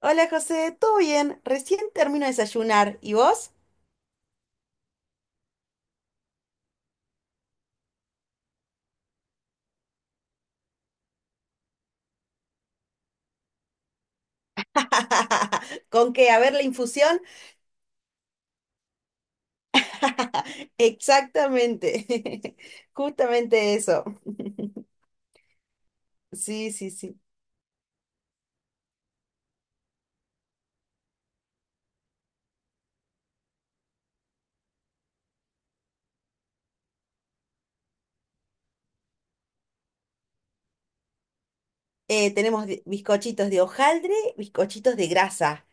Hola José, ¿todo bien? Recién termino de desayunar. ¿Y vos? ¿Con qué? A ver, la infusión. Exactamente. Justamente eso. Sí, sí, sí. Tenemos bizcochitos de hojaldre, bizcochitos de grasa.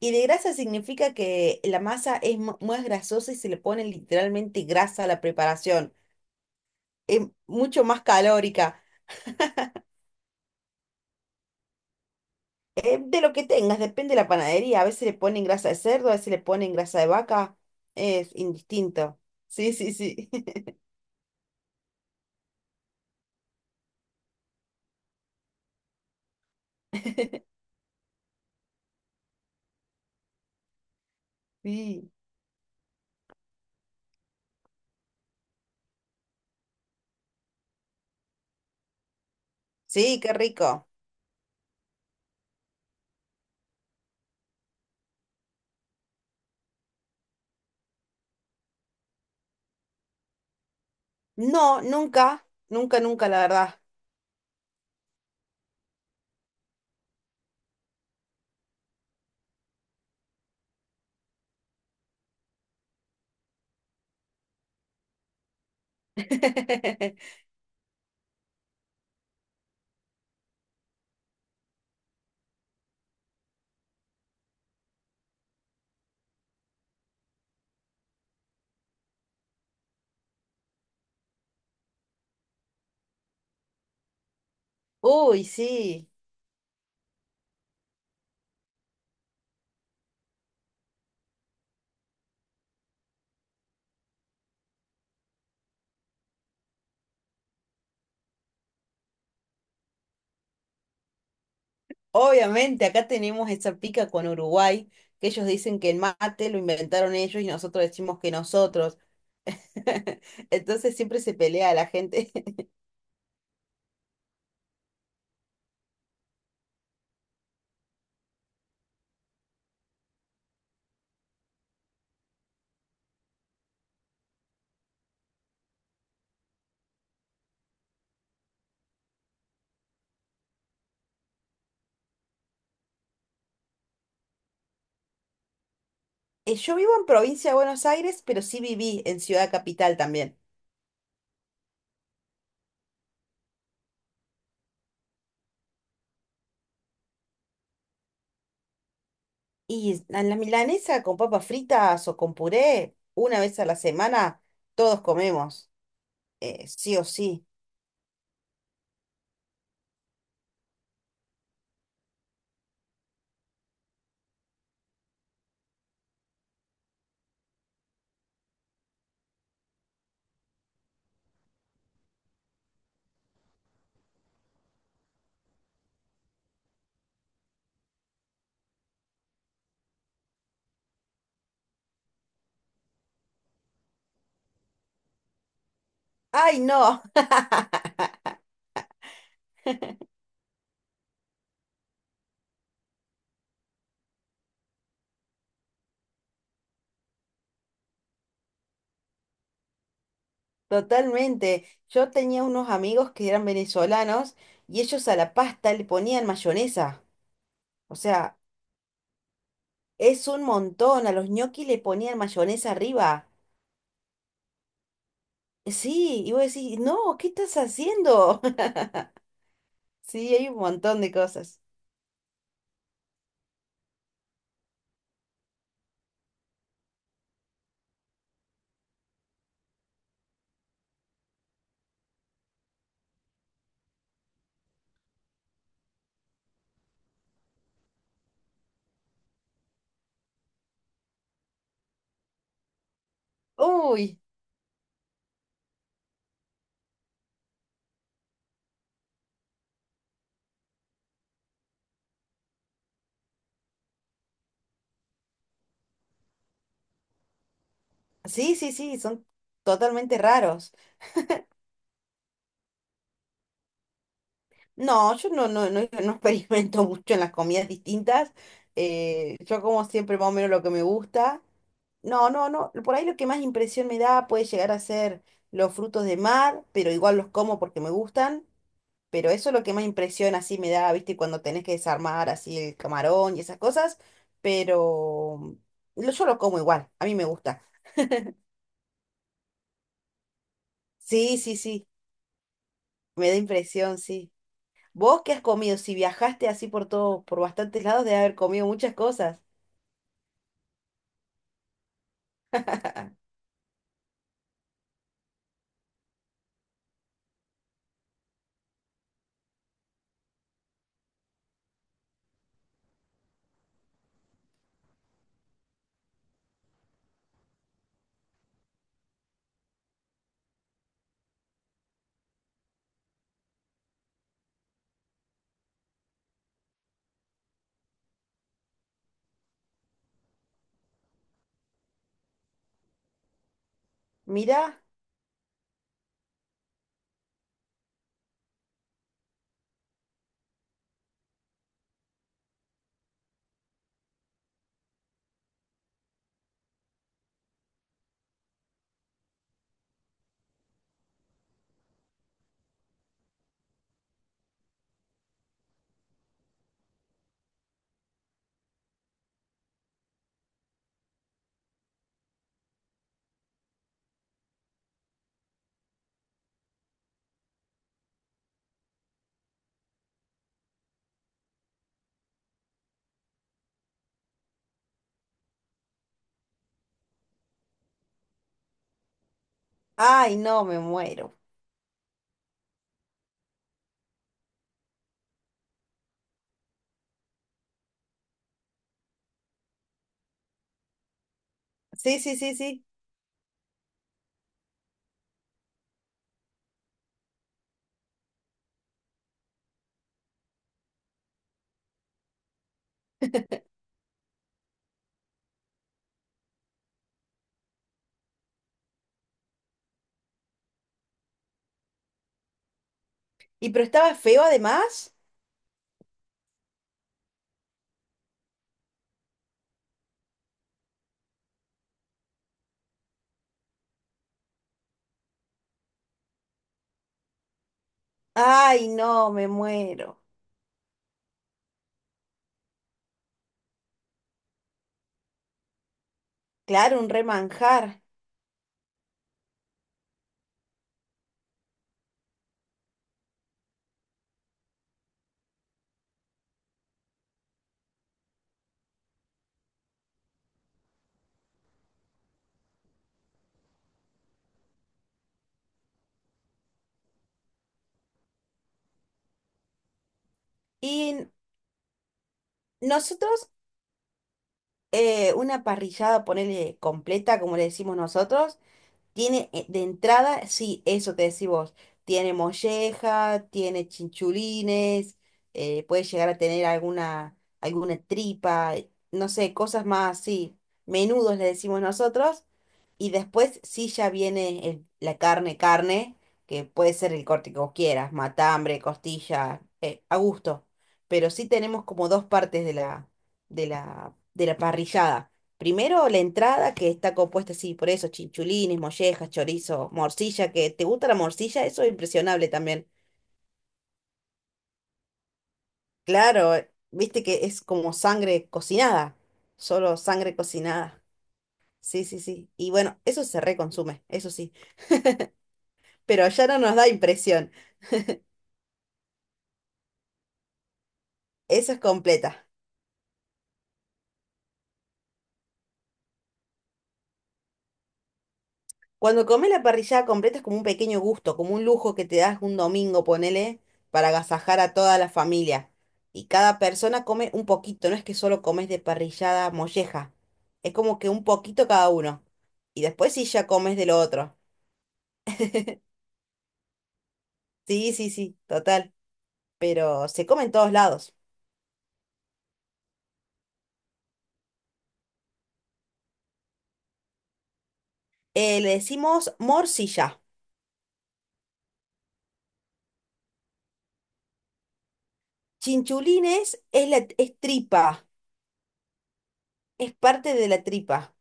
Y de grasa significa que la masa es más grasosa y se le pone literalmente grasa a la preparación. Es mucho más calórica. De lo que tengas, depende de la panadería. A veces le ponen grasa de cerdo, a veces le ponen grasa de vaca. Es indistinto. Sí, sí, sí. Sí, sí, qué rico. No, nunca, nunca, nunca, la verdad. Uy, sí. Obviamente, acá tenemos esa pica con Uruguay, que ellos dicen que el mate lo inventaron ellos y nosotros decimos que nosotros. Entonces siempre se pelea la gente. Yo vivo en provincia de Buenos Aires, pero sí viví en Ciudad Capital también. Y a la milanesa con papas fritas o con puré, una vez a la semana, todos comemos, sí o sí. ¡Ay, no! Totalmente. Yo tenía unos amigos que eran venezolanos y ellos a la pasta le ponían mayonesa. O sea, es un montón. A los ñoquis le ponían mayonesa arriba. Sí, y vos decís, no, ¿qué estás haciendo? Sí, hay un montón de cosas. Uy, sí, sí, sí, son totalmente raros. No, yo no, no, no, no experimento mucho en las comidas distintas. Yo como siempre más o menos lo que me gusta. No, no, no. Por ahí lo que más impresión me da puede llegar a ser los frutos de mar, pero igual los como porque me gustan. Pero eso es lo que más impresión así me da, ¿viste? Cuando tenés que desarmar así el camarón y esas cosas. Pero yo lo como igual, a mí me gusta. Sí, sí, sí, me da impresión, sí. ¿Vos qué has comido? Si viajaste así por todo, por bastantes lados, de haber comido muchas cosas. Mira, ay, no, me muero. Sí, sí, sí, sí. ¿Y pero estaba feo además? Ay, no, me muero. Claro, un remanjar. Y nosotros, una parrillada, ponele completa, como le decimos nosotros, tiene de entrada, sí, eso te decís vos. Tiene molleja, tiene chinchulines, puede llegar a tener alguna, alguna tripa, no sé, cosas más así. Menudos le decimos nosotros. Y después sí ya viene la carne, carne, que puede ser el corte que vos quieras, matambre, costilla, a gusto. Pero sí tenemos como dos partes de de la parrillada. Primero la entrada que está compuesta así, por eso, chinchulines, mollejas, chorizo, morcilla, que te gusta la morcilla, eso es impresionable también. Claro, viste que es como sangre cocinada, solo sangre cocinada. Sí, sí, sí. Y bueno, eso se reconsume, eso sí. Pero allá no nos da impresión, eso es completa. Cuando comes la parrillada completa es como un pequeño gusto, como un lujo que te das un domingo, ponele, para agasajar a toda la familia. Y cada persona come un poquito, no es que solo comes de parrillada molleja, es como que un poquito cada uno. Y después sí ya comes de lo otro. Sí, sí, sí, total, pero se come en todos lados. Le decimos morcilla. Chinchulines es es tripa, es parte de la tripa.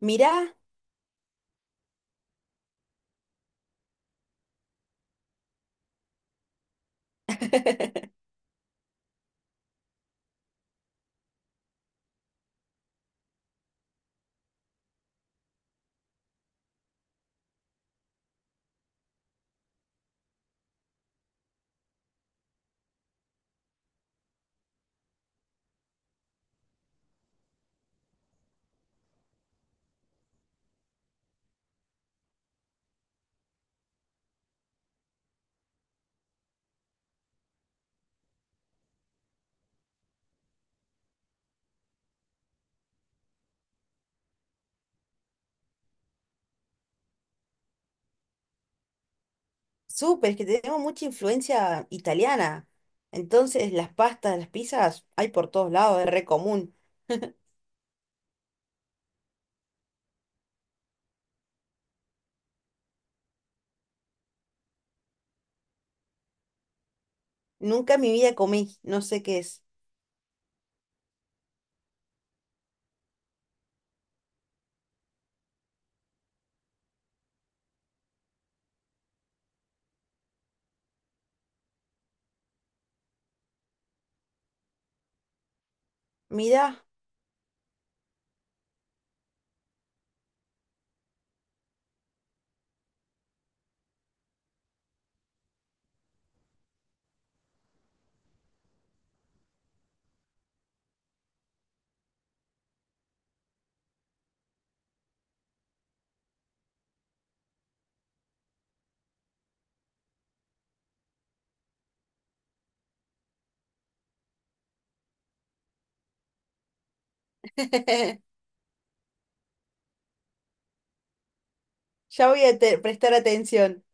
Mirá. Súper, es que tenemos mucha influencia italiana. Entonces, las pastas, las pizzas, hay por todos lados, es re común. Nunca en mi vida comí, no sé qué es. Mirá, ya voy a prestar atención.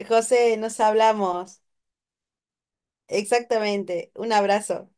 José, nos hablamos. Exactamente, un abrazo.